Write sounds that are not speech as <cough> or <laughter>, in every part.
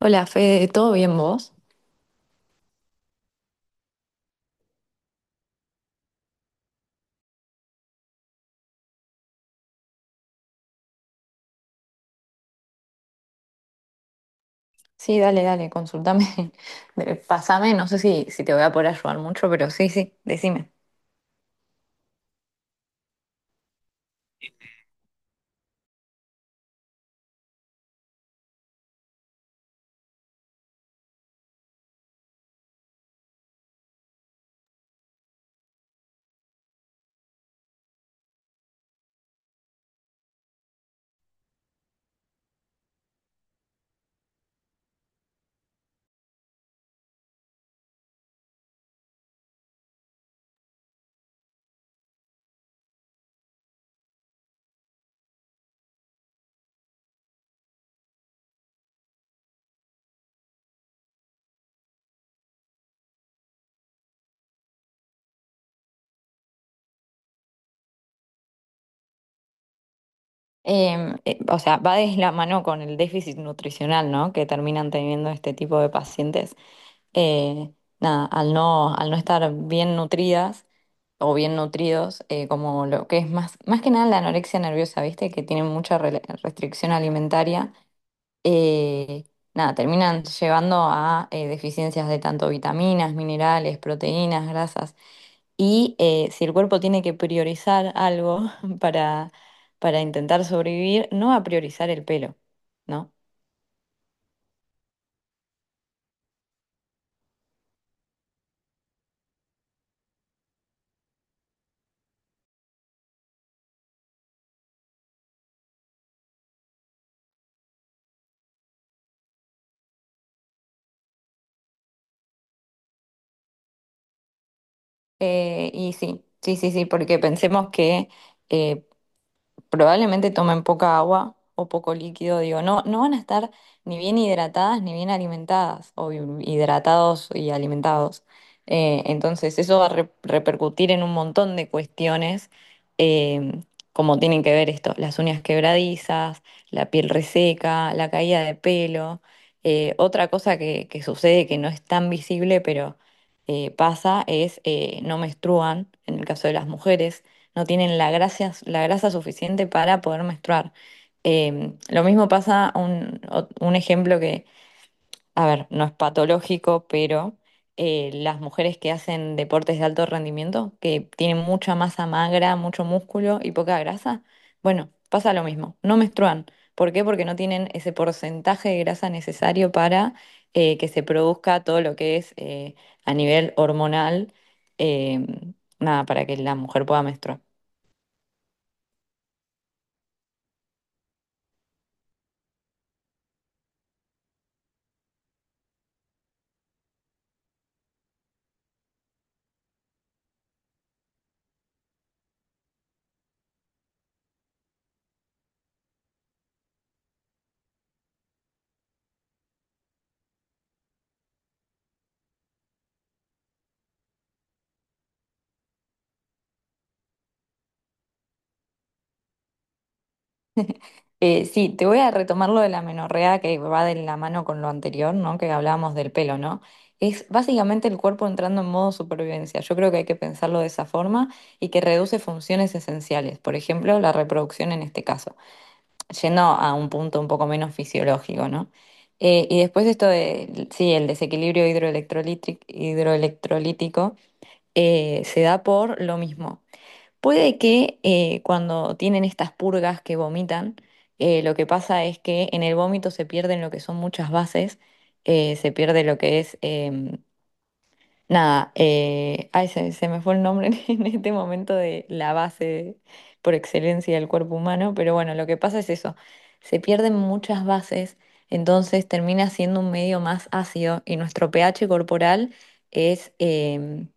Hola, Fede, ¿todo bien vos? Sí, dale, dale, consultame, <laughs> pasame, no sé si te voy a poder ayudar mucho, pero sí, sí, decime. O sea, va de la mano con el déficit nutricional, ¿no? Que terminan teniendo este tipo de pacientes. Eh, Nada, al no estar bien nutridas o bien nutridos, como lo que es más, más que nada la anorexia nerviosa, ¿viste? Que tienen mucha restricción alimentaria, eh, nada, terminan llevando a deficiencias de tanto vitaminas, minerales, proteínas, grasas. Y si el cuerpo tiene que priorizar algo <laughs> para, para intentar sobrevivir, no va a priorizar el pelo, ¿no? Y sí, sí, sí, sí, porque pensemos que eh, probablemente tomen poca agua o poco líquido, digo, no van a estar ni bien hidratadas ni bien alimentadas, o hidratados y alimentados. Entonces eso va a repercutir en un montón de cuestiones, eh, como tienen que ver esto, las uñas quebradizas, la piel reseca, la caída de pelo. Otra cosa que sucede que no es tan visible, pero pasa, es no menstruan; en el caso de las mujeres, no tienen la grasa suficiente para poder menstruar. Lo mismo pasa, un, un ejemplo que, a ver, no es patológico, pero las mujeres que hacen deportes de alto rendimiento, que tienen mucha masa magra, mucho músculo y poca grasa, bueno, pasa lo mismo, no menstruan. ¿Por qué? Porque no tienen ese porcentaje de grasa necesario para que se produzca todo lo que es a nivel hormonal, eh, nada, para que la mujer pueda menstruar. Sí, te voy a retomar lo de la menorrea que va de la mano con lo anterior, ¿no? Que hablábamos del pelo, ¿no? Es básicamente el cuerpo entrando en modo supervivencia. Yo creo que hay que pensarlo de esa forma y que reduce funciones esenciales, por ejemplo, la reproducción en este caso, yendo a un punto un poco menos fisiológico, ¿no? Y después esto de, sí, el desequilibrio hidroelectrolítico se da por lo mismo. Puede que cuando tienen estas purgas que vomitan, lo que pasa es que en el vómito se pierden lo que son muchas bases, se pierde lo que es, nada, ay, se me fue el nombre <laughs> en este momento, de la base por excelencia del cuerpo humano, pero bueno, lo que pasa es eso, se pierden muchas bases, entonces termina siendo un medio más ácido y nuestro pH corporal es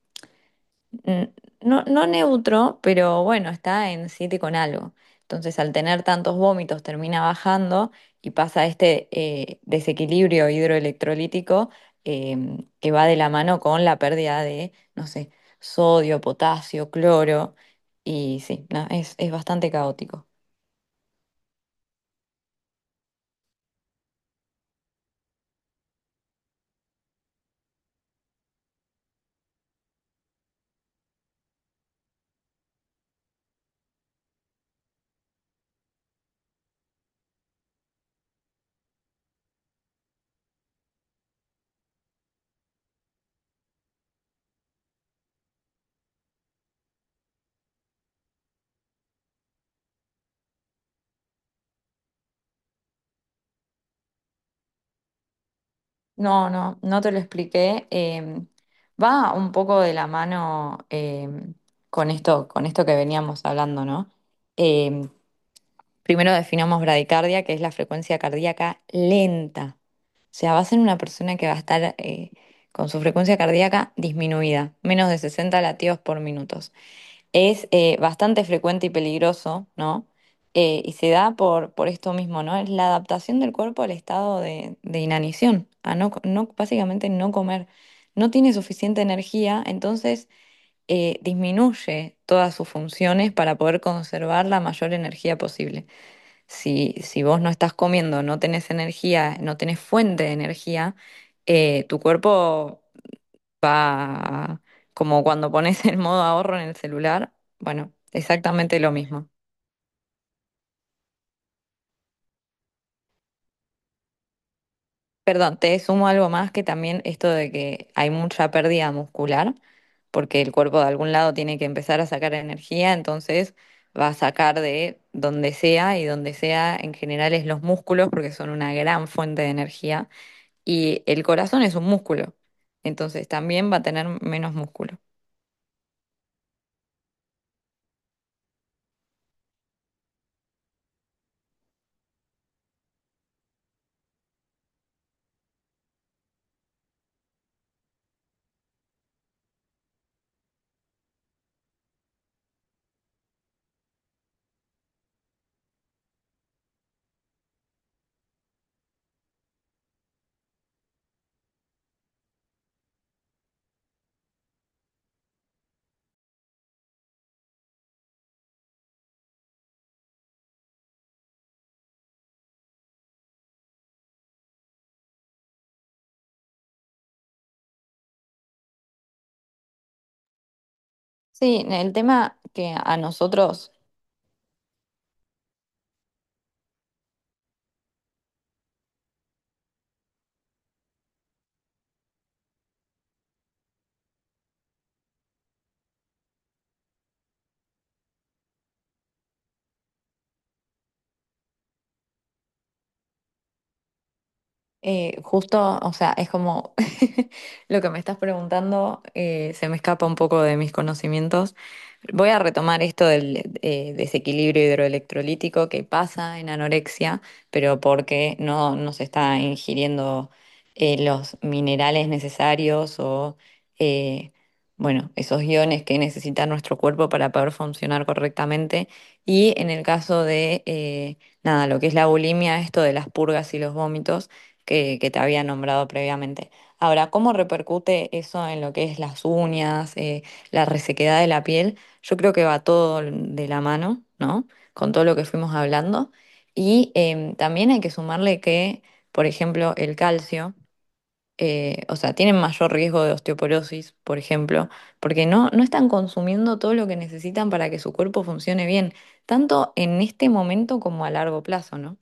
mm, no, no neutro, pero bueno, está en 7 con algo. Entonces, al tener tantos vómitos, termina bajando y pasa este desequilibrio hidroelectrolítico, que va de la mano con la pérdida de, no sé, sodio, potasio, cloro. Y sí, no, es bastante caótico. No, no, no te lo expliqué. Va un poco de la mano, em, con esto que veníamos hablando, ¿no? Em, Primero definamos bradicardia, que es la frecuencia cardíaca lenta. O sea, va a una persona que va a estar con su frecuencia cardíaca disminuida, menos de 60 latidos por minutos. Es bastante frecuente y peligroso, ¿no? Y se da por esto mismo, ¿no? Es la adaptación del cuerpo al estado de inanición, a no, no, básicamente no comer. No tiene suficiente energía, entonces disminuye todas sus funciones para poder conservar la mayor energía posible. Si, si vos no estás comiendo, no tenés energía, no tenés fuente de energía, tu cuerpo va a- como cuando pones el modo ahorro en el celular. Bueno, exactamente lo mismo. Perdón, te sumo algo más, que también esto de que hay mucha pérdida muscular, porque el cuerpo de algún lado tiene que empezar a sacar energía, entonces va a sacar de donde sea, y donde sea en general es los músculos, porque son una gran fuente de energía. Y el corazón es un músculo, entonces también va a tener menos músculo. Sí, el tema que a nosotros. Justo, o sea, es como <laughs> lo que me estás preguntando, se me escapa un poco de mis conocimientos. Voy a retomar esto del desequilibrio hidroelectrolítico que pasa en anorexia, pero porque no, no se está ingiriendo los minerales necesarios o, eh, bueno, esos iones que necesita nuestro cuerpo para poder funcionar correctamente. Y en el caso de, nada, lo que es la bulimia, esto de las purgas y los vómitos que te había nombrado previamente. Ahora, ¿cómo repercute eso en lo que es las uñas, la resequedad de la piel? Yo creo que va todo de la mano, ¿no? Con todo lo que fuimos hablando. Y también hay que sumarle que, por ejemplo, el calcio, o sea, tienen mayor riesgo de osteoporosis, por ejemplo, porque no, no están consumiendo todo lo que necesitan para que su cuerpo funcione bien, tanto en este momento como a largo plazo, ¿no?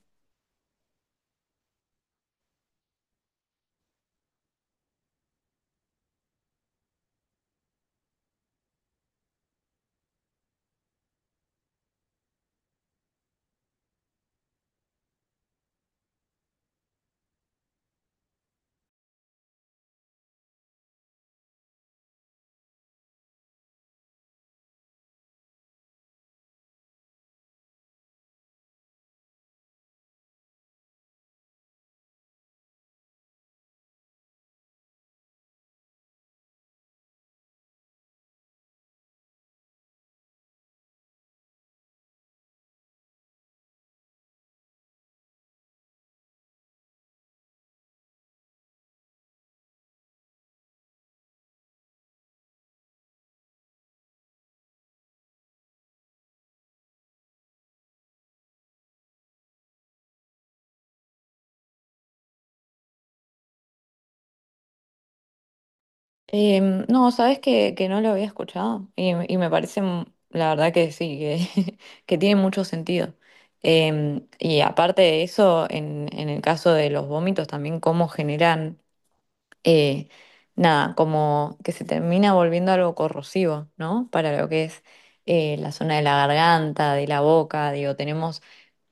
No, sabes que no lo había escuchado, y me parece, mm, la verdad que sí, que, <laughs> que tiene mucho sentido. Y aparte de eso, en el caso de los vómitos, también cómo generan, eh, nada, como que se termina volviendo algo corrosivo, ¿no? Para lo que es la zona de la garganta, de la boca, digo, tenemos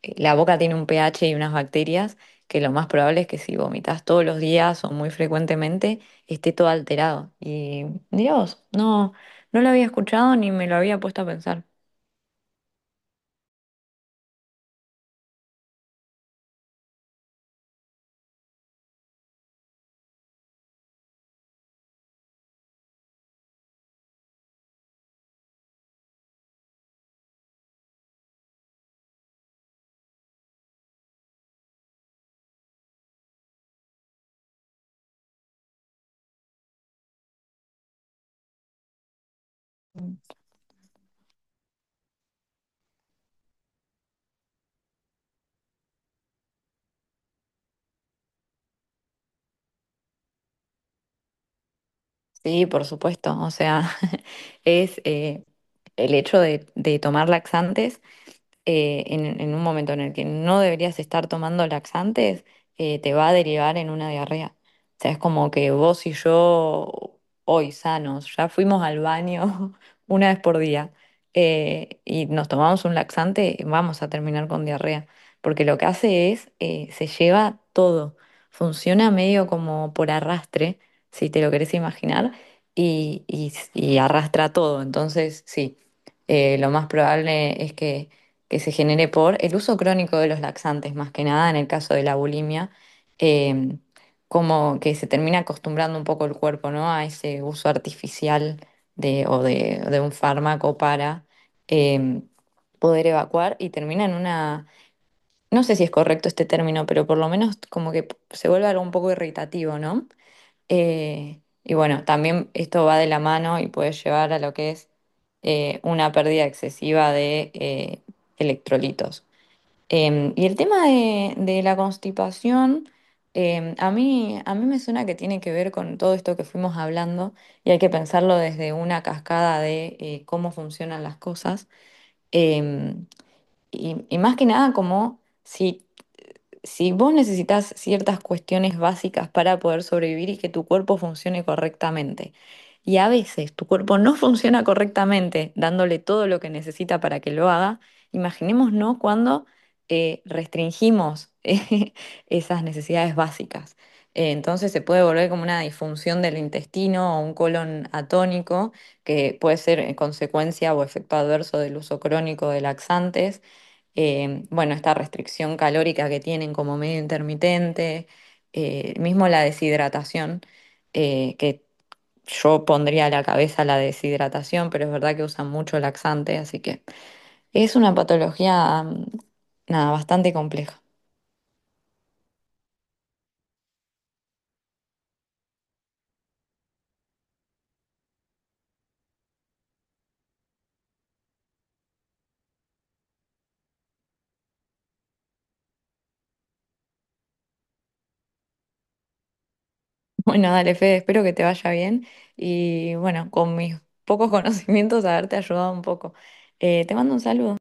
la boca tiene un pH y unas bacterias, que lo más probable es que si vomitas todos los días o muy frecuentemente, esté todo alterado. Y Dios, no, no lo había escuchado ni me lo había puesto a pensar. Sí, por supuesto. O sea, <laughs> es el hecho de tomar laxantes en un momento en el que no deberías estar tomando laxantes, te va a derivar en una diarrea. O sea, es como que vos y yo, hoy sanos, ya fuimos al baño <laughs> una vez por día, y nos tomamos un laxante, vamos a terminar con diarrea, porque lo que hace es, se lleva todo, funciona medio como por arrastre, si te lo querés imaginar, y, y arrastra todo. Entonces, sí, lo más probable es que se genere por el uso crónico de los laxantes, más que nada en el caso de la bulimia, eh, como que se termina acostumbrando un poco el cuerpo, ¿no? A ese uso artificial de, o de, de un fármaco para eh, poder evacuar, y termina en una, no sé si es correcto este término, pero por lo menos como que se vuelve algo un poco irritativo, ¿no? Y bueno, también esto va de la mano y puede llevar a lo que es una pérdida excesiva de electrolitos. Y el tema de la constipación, a mí me suena que tiene que ver con todo esto que fuimos hablando, y hay que pensarlo desde una cascada de cómo funcionan las cosas. Em, y, y más que nada, como si si vos necesitas ciertas cuestiones básicas para poder sobrevivir y que tu cuerpo funcione correctamente, y a veces tu cuerpo no funciona correctamente dándole todo lo que necesita para que lo haga, imaginémonos ¿no? cuando restringimos <laughs> esas necesidades básicas. Entonces se puede volver como una disfunción del intestino o un colon atónico, que puede ser consecuencia o efecto adverso del uso crónico de laxantes, bueno, esta restricción calórica que tienen como medio intermitente, mismo la deshidratación, que yo pondría a la cabeza la deshidratación, pero es verdad que usan mucho laxante, así que es una patología, mm, nada, bastante compleja. <laughs> Bueno, dale, Fede, espero que te vaya bien, y bueno, con mis pocos <laughs> conocimientos haberte ayudado un poco. Te mando un saludo.